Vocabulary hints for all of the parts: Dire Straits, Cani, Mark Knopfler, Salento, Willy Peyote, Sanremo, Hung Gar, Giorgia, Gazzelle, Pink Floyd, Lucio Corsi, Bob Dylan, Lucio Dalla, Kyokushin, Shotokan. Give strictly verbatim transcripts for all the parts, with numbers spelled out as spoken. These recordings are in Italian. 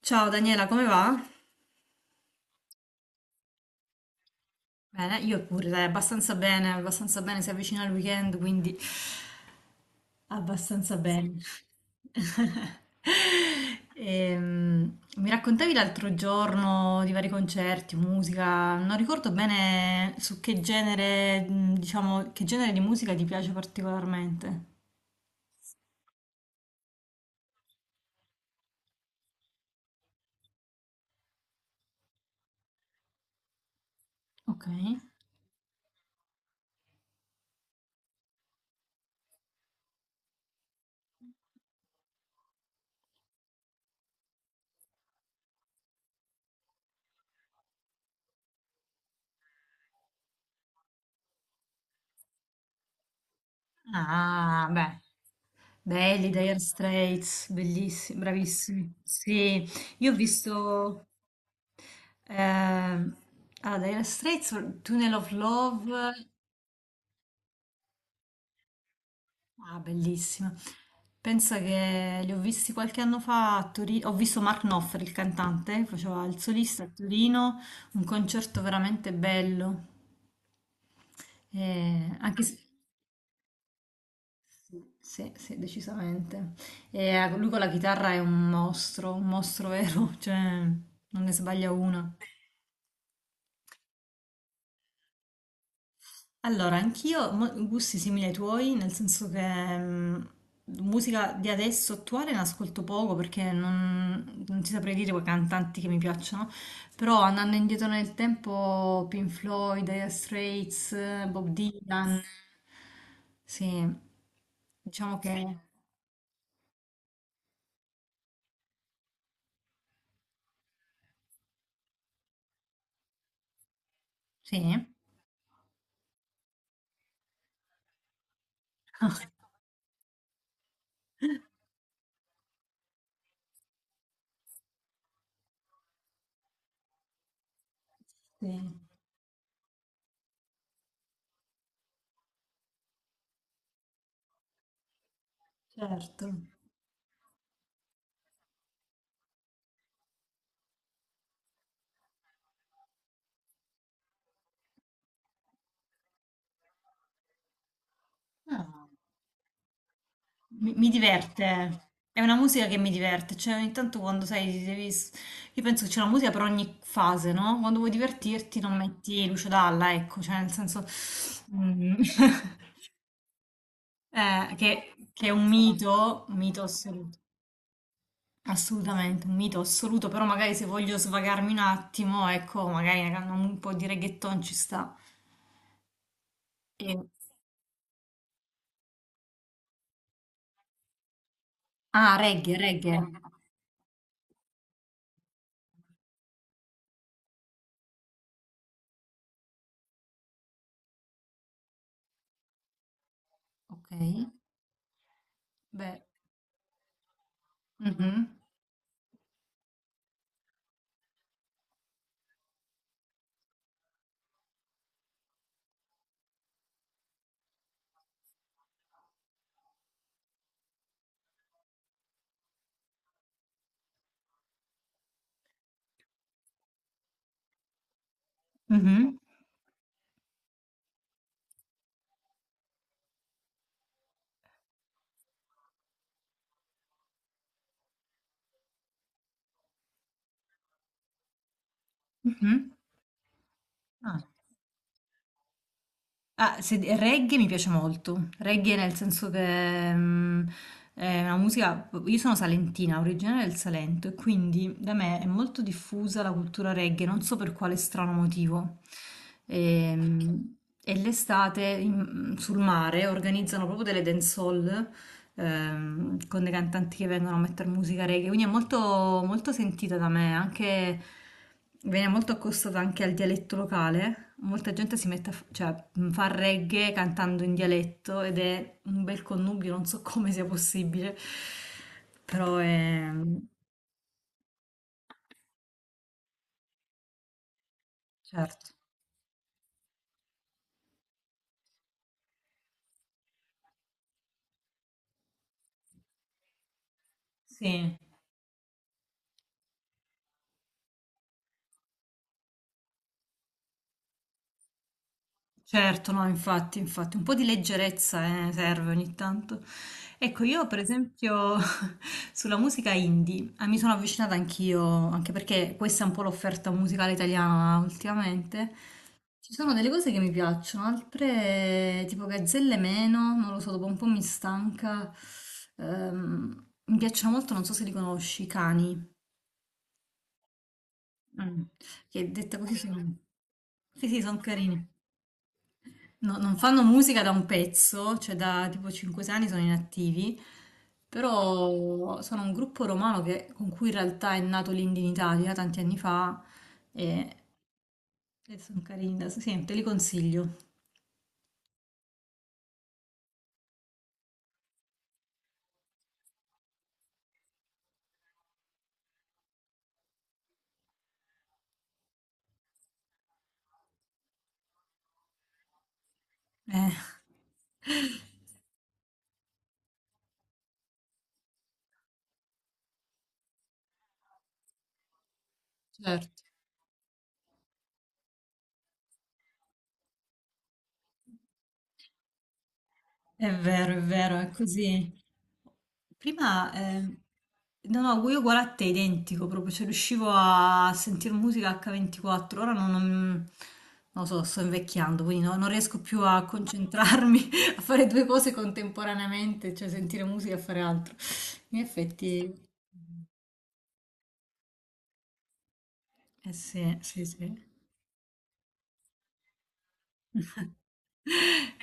Ciao Daniela, come va? Bene, io pure, dai, abbastanza bene, abbastanza bene, si avvicina il weekend, quindi abbastanza bene. Ehm, mi raccontavi l'altro giorno di vari concerti, musica, non ricordo bene su che genere, mh, diciamo, che genere di musica ti piace particolarmente. Ok. Ah, beh. Belli, Dire Straits, bellissimi, bravissimi. Sì, io ho visto... Ehm, allora, Dire Straits, Tunnel of Love, ah, bellissima. Pensa che li ho visti qualche anno fa a Torino. Ho visto Mark Knopfler, il cantante, faceva il solista a Torino, un concerto veramente bello. Eh, anche se... Sì, sì, decisamente. E eh, lui con la chitarra è un mostro, un mostro vero, cioè non ne sbaglia una. Allora, anch'io mo- gusti simili ai tuoi, nel senso che mm, musica di adesso attuale ne ascolto poco perché non, non ti saprei dire quei cantanti che mi piacciono, però andando indietro nel tempo, Pink Floyd, Dire Straits, eh, Bob Dylan, sì, diciamo che sì, sì, certo. Ah. Mi, mi diverte, è una musica che mi diverte, cioè ogni tanto quando sai, ti devi... s- Io penso che c'è una musica per ogni fase, no? Quando vuoi divertirti non metti Lucio Dalla, ecco, cioè nel senso mm, eh, che, che è un mito, un mito assoluto, assolutamente, un mito assoluto, però magari se voglio svagarmi un attimo, ecco, magari una can- un po' di reggaeton ci sta. E- Ah, reggae, reggae, ok, beh, mhm, mhm, mhm. Ah. Ah, se- reggae mi piace molto. Reggae nel senso che mm, è una musica. Io sono salentina, originaria del Salento, e quindi da me è molto diffusa la cultura reggae, non so per quale strano motivo. Ehm, E, l'estate in- sul mare organizzano proprio delle dancehall ehm, con dei cantanti che vengono a mettere musica reggae, quindi è molto, molto sentita da me, anche, viene molto accostata anche al dialetto locale, molta gente si mette a, f- cioè, mh, fa reggae cantando in dialetto ed è un bel connubio, non so come sia possibile, però è... mm, certo, sì. Certo, no, infatti, infatti, un po' di leggerezza, eh, serve ogni tanto. Ecco, io per esempio sulla musica indie eh, mi sono avvicinata anch'io, anche perché questa è un po' l'offerta musicale italiana ultimamente. Ci sono delle cose che mi piacciono, altre eh, tipo Gazzelle meno, non lo so, dopo un po' mi stanca. Ehm, mi piacciono molto, non so se li conosci, i Cani. Mm. Che detta così sono... Sì, sì, sono carini. No- non fanno musica da un pezzo, cioè da tipo cinque anni sono inattivi, però sono un gruppo romano che- con cui in realtà è nato l'Indie in Italia tanti anni fa e, e sono carini, da- sì, te li consiglio. Eh. È vero, è vero, è così. Prima, eh, no, no, io uguale a te, identico, proprio, cioè riuscivo a sentire musica acca ventiquattro, ora non, non- non lo so, sto invecchiando, quindi no- non riesco più a concentrarmi, a fare due cose contemporaneamente, cioè sentire musica e fare altro. In effetti, eh sì, sì, sì.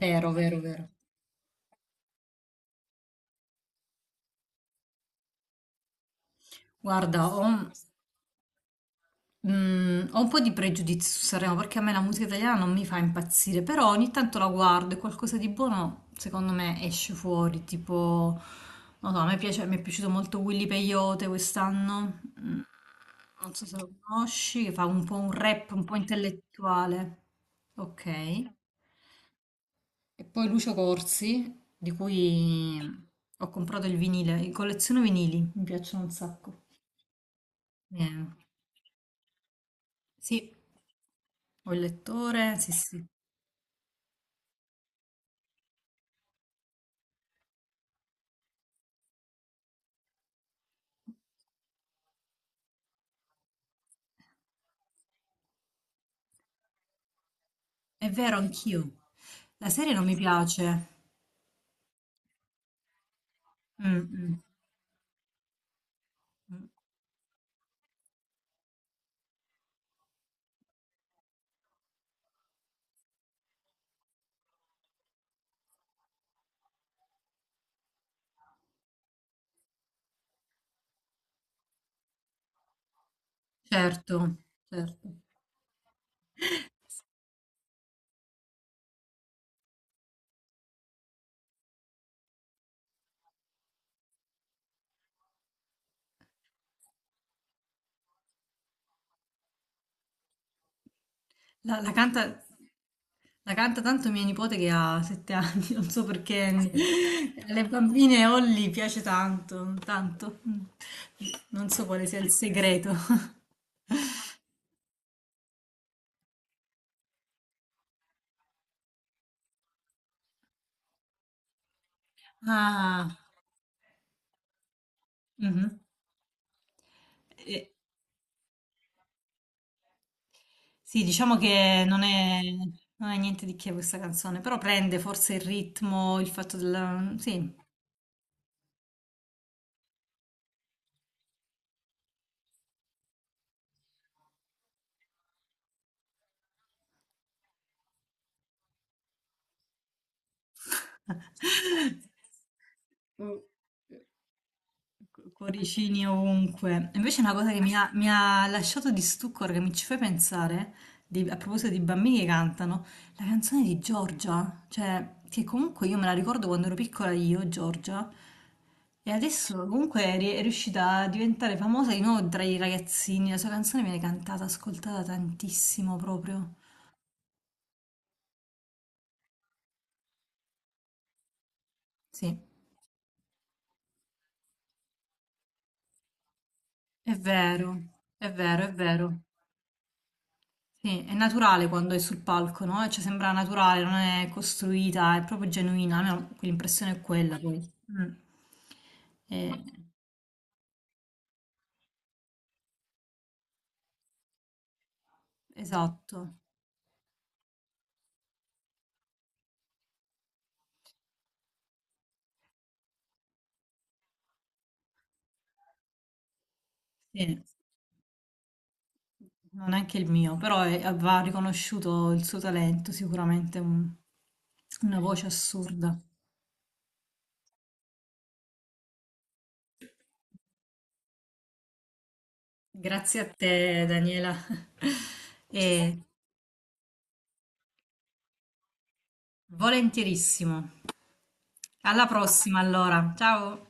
Vero, vero, vero. Guarda, ho, Mm, ho un po' di pregiudizio su Sanremo perché a me la musica italiana non mi fa impazzire, però ogni tanto la guardo e qualcosa di buono secondo me esce fuori, tipo, non so, a me piace, mi è piaciuto molto Willy Peyote quest'anno. Mm, non so se lo conosci, che fa un po' un rap un po' intellettuale, ok? E poi Lucio Corsi, di cui ho comprato il vinile, colleziono vinili, mi piacciono un sacco. Eh, sì, ho il lettore, sì, sì. È vero, anch'io. La serie non mi piace. Mm, mm, mm. Certo, certo. La, la canta, la canta tanto mia nipote che ha sette anni, non so perché. Alle bambine Holly piace tanto, tanto. Mm. Non so quale sia il segreto. Ah, mhm. Eh, sì, diciamo che non è, non è niente di che questa canzone, però prende forse il ritmo, il fatto della... Sì. Oh, co- Cuoricini ovunque. Invece una cosa che mi ha, mi ha lasciato di stucco, ora che mi ci fai pensare, di- a proposito di bambini che cantano, la canzone di Giorgia, cioè che comunque io me la ricordo quando ero piccola io, Giorgia, e adesso comunque è, ri- è riuscita a diventare famosa di nuovo tra i ragazzini, la sua canzone viene cantata, ascoltata tantissimo proprio. Sì, è vero, è vero, è vero. Sì, è naturale quando è sul palco, no? Cioè sembra naturale, non è costruita, è proprio genuina, almeno l'impressione è quella poi. Mm. Eh, esatto, sì. Non è anche il mio, però è- va riconosciuto il suo talento, sicuramente un- una voce assurda. Grazie a te, Daniela. E volentierissimo. Alla prossima, allora. Ciao.